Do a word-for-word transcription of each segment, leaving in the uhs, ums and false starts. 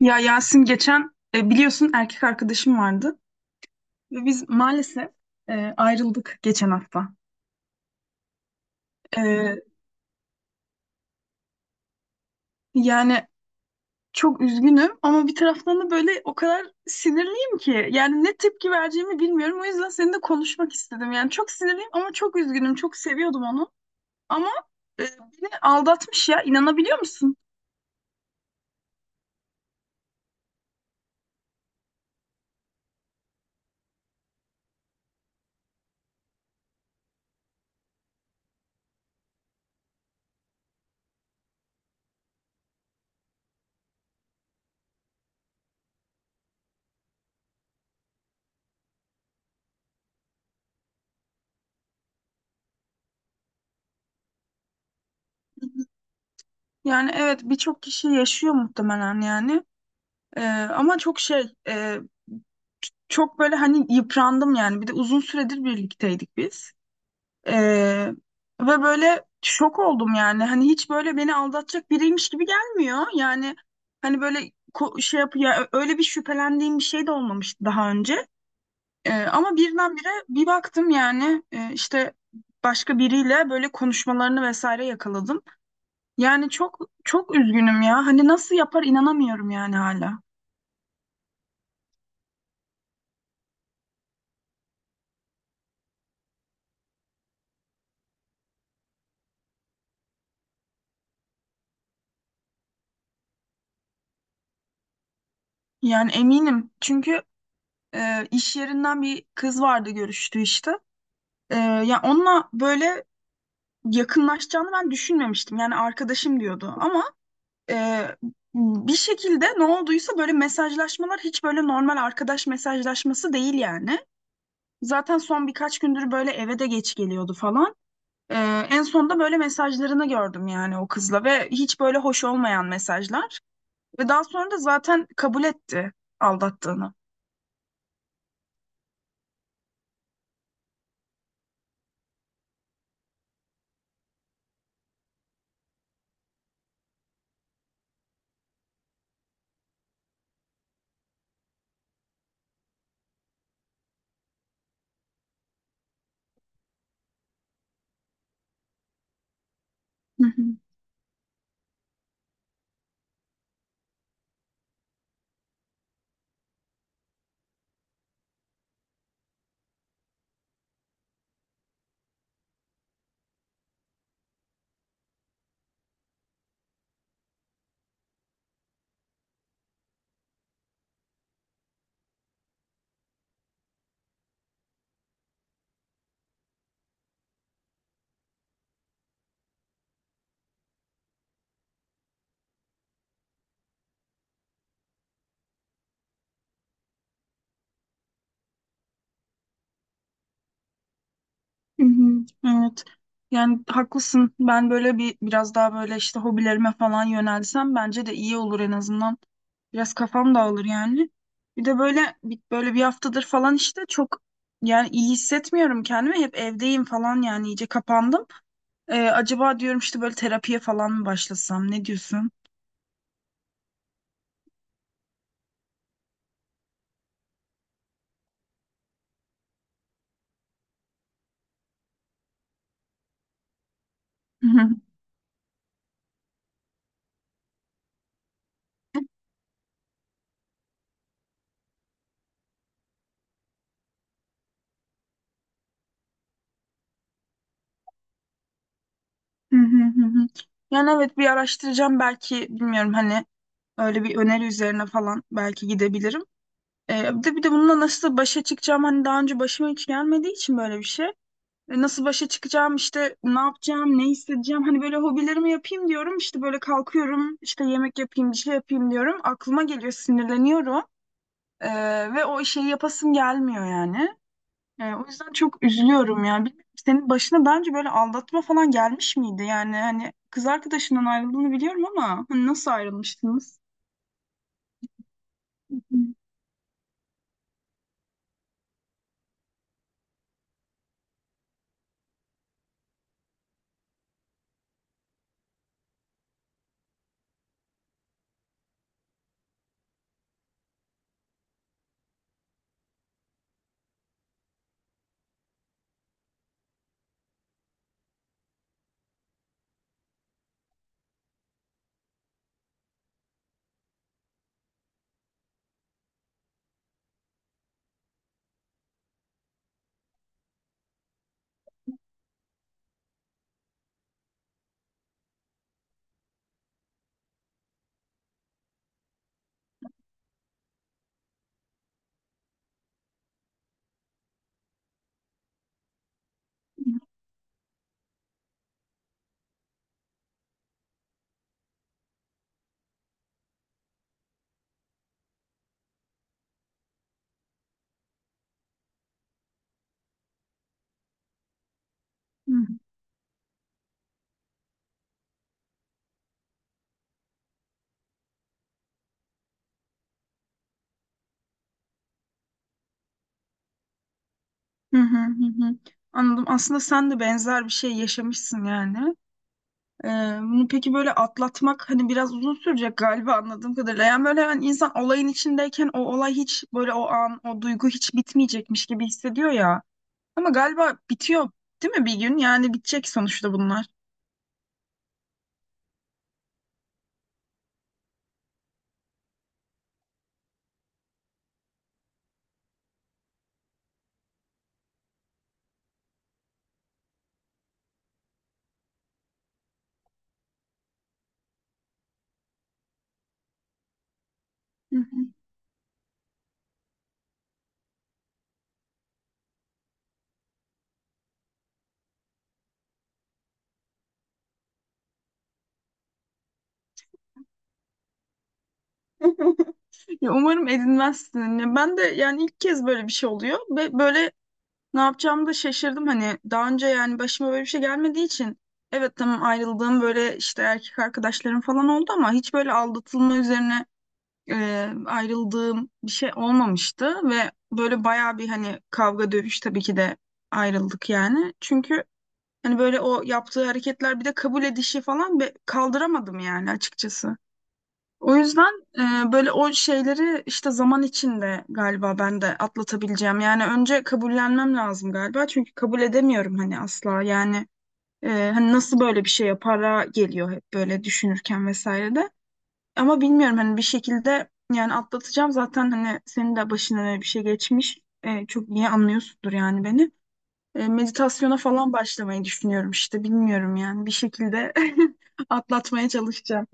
Ya Yasin geçen e, biliyorsun erkek arkadaşım vardı ve biz maalesef e, ayrıldık geçen hafta. E, yani çok üzgünüm ama bir taraftan da böyle o kadar sinirliyim ki yani ne tepki vereceğimi bilmiyorum. O yüzden seninle konuşmak istedim. Yani çok sinirliyim ama çok üzgünüm. Çok seviyordum onu ama e, beni aldatmış ya, inanabiliyor musun? Yani evet, birçok kişi yaşıyor muhtemelen yani. E, ama çok şey e, çok böyle hani yıprandım yani. Bir de uzun süredir birlikteydik biz. Ee, Ve böyle şok oldum yani. Hani hiç böyle beni aldatacak biriymiş gibi gelmiyor. Yani hani böyle ko- şey yapıyor. Öyle bir şüphelendiğim bir şey de olmamıştı daha önce. Ee, ama birdenbire bir baktım yani e, işte başka biriyle böyle konuşmalarını vesaire yakaladım. Yani çok çok üzgünüm ya. Hani nasıl yapar, inanamıyorum yani hala. Yani eminim. Çünkü e, iş yerinden bir kız vardı görüştüğü işte. E, ya onunla böyle yakınlaşacağını ben düşünmemiştim. Yani arkadaşım diyordu ama e, bir şekilde ne olduysa böyle mesajlaşmalar hiç böyle normal arkadaş mesajlaşması değil yani. Zaten son birkaç gündür böyle eve de geç geliyordu falan. E, En sonunda böyle mesajlarını gördüm yani o kızla ve hiç böyle hoş olmayan mesajlar. Ve daha sonra da zaten kabul etti aldattığını. Hı hı. Hı hı, evet. Yani haklısın. Ben böyle bir biraz daha böyle işte hobilerime falan yönelsem bence de iyi olur en azından. Biraz kafam dağılır yani. Bir de böyle bir- böyle bir haftadır falan işte çok yani iyi hissetmiyorum kendimi. Hep evdeyim falan, yani iyice kapandım. Ee, acaba diyorum işte böyle terapiye falan mı başlasam? Ne diyorsun? Hı hı, hı hı, hı hı. Yani evet, bir araştıracağım belki, bilmiyorum hani öyle bir öneri üzerine falan belki gidebilirim. Ee, bir de, bir de bununla nasıl başa çıkacağım hani, daha önce başıma hiç gelmediği için böyle bir şey. E, Nasıl başa çıkacağım işte, ne yapacağım, ne hissedeceğim hani böyle hobilerimi yapayım diyorum, işte böyle kalkıyorum, işte yemek yapayım bir şey yapayım diyorum, aklıma geliyor, sinirleniyorum. Ee, ve o şeyi yapasım gelmiyor yani. Ee, o yüzden çok üzülüyorum yani. Bilmiyorum, senin başına daha önce böyle aldatma falan gelmiş miydi? Yani hani kız arkadaşından ayrıldığını biliyorum ama hani nasıl ayrılmıştınız? Hı hı hı, hı. Anladım. Aslında sen de benzer bir şey yaşamışsın yani. Ee, Bunu peki böyle atlatmak hani biraz uzun sürecek galiba, anladığım kadarıyla. Yani böyle hani insan olayın içindeyken o olay hiç böyle, o an o duygu hiç bitmeyecekmiş gibi hissediyor ya. Ama galiba bitiyor değil mi bir gün? Yani bitecek sonuçta bunlar. Ya umarım edinmezsin. Ya ben de yani ilk kez böyle bir şey oluyor ve böyle ne yapacağımı da şaşırdım. Hani daha önce yani başıma böyle bir şey gelmediği için, evet tamam, ayrıldığım böyle işte erkek arkadaşlarım falan oldu ama hiç böyle aldatılma üzerine e, ayrıldığım bir şey olmamıştı ve böyle bayağı bir hani kavga dövüş tabii ki de ayrıldık yani. Çünkü hani böyle o yaptığı hareketler, bir de kabul edişi falan be- kaldıramadım yani açıkçası. O yüzden e, böyle o şeyleri işte zaman içinde galiba ben de atlatabileceğim. Yani önce kabullenmem lazım galiba. Çünkü kabul edemiyorum hani, asla. Yani e, hani nasıl böyle bir şey yapara geliyor, hep böyle düşünürken vesaire de. Ama bilmiyorum hani bir şekilde yani atlatacağım. Zaten hani senin de başına öyle bir şey geçmiş. E, çok iyi anlıyorsundur yani beni. E, meditasyona falan başlamayı düşünüyorum işte. Bilmiyorum yani, bir şekilde atlatmaya çalışacağım.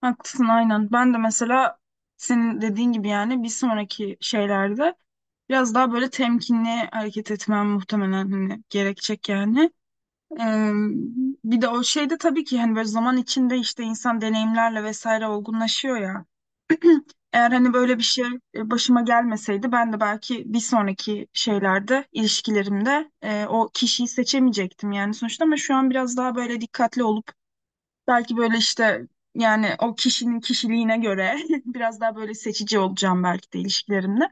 Haklısın, aynen. Ben de mesela senin dediğin gibi yani bir sonraki şeylerde biraz daha böyle temkinli hareket etmem muhtemelen hani gerekecek yani. Ee, Bir de o şeyde tabii ki hani böyle zaman içinde işte insan deneyimlerle vesaire olgunlaşıyor ya. Eğer hani böyle bir şey e, başıma gelmeseydi ben de belki bir sonraki şeylerde ilişkilerimde e, o kişiyi seçemeyecektim yani sonuçta, ama şu an biraz daha böyle dikkatli olup belki böyle işte, yani o kişinin kişiliğine göre biraz daha böyle seçici olacağım belki de ilişkilerimde.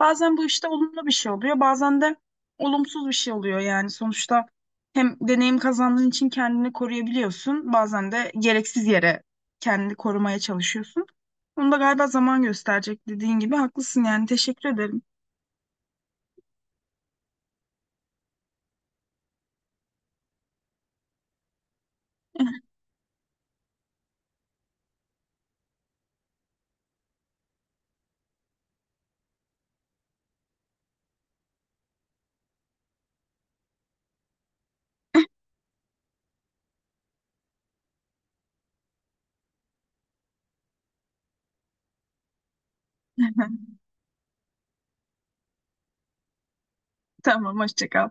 Bazen bu işte olumlu bir şey oluyor, bazen de olumsuz bir şey oluyor yani sonuçta, hem deneyim kazandığın için kendini koruyabiliyorsun, bazen de gereksiz yere kendini korumaya çalışıyorsun. Bunu da galiba zaman gösterecek, dediğin gibi haklısın yani, teşekkür ederim. Tamam, hoşça kal.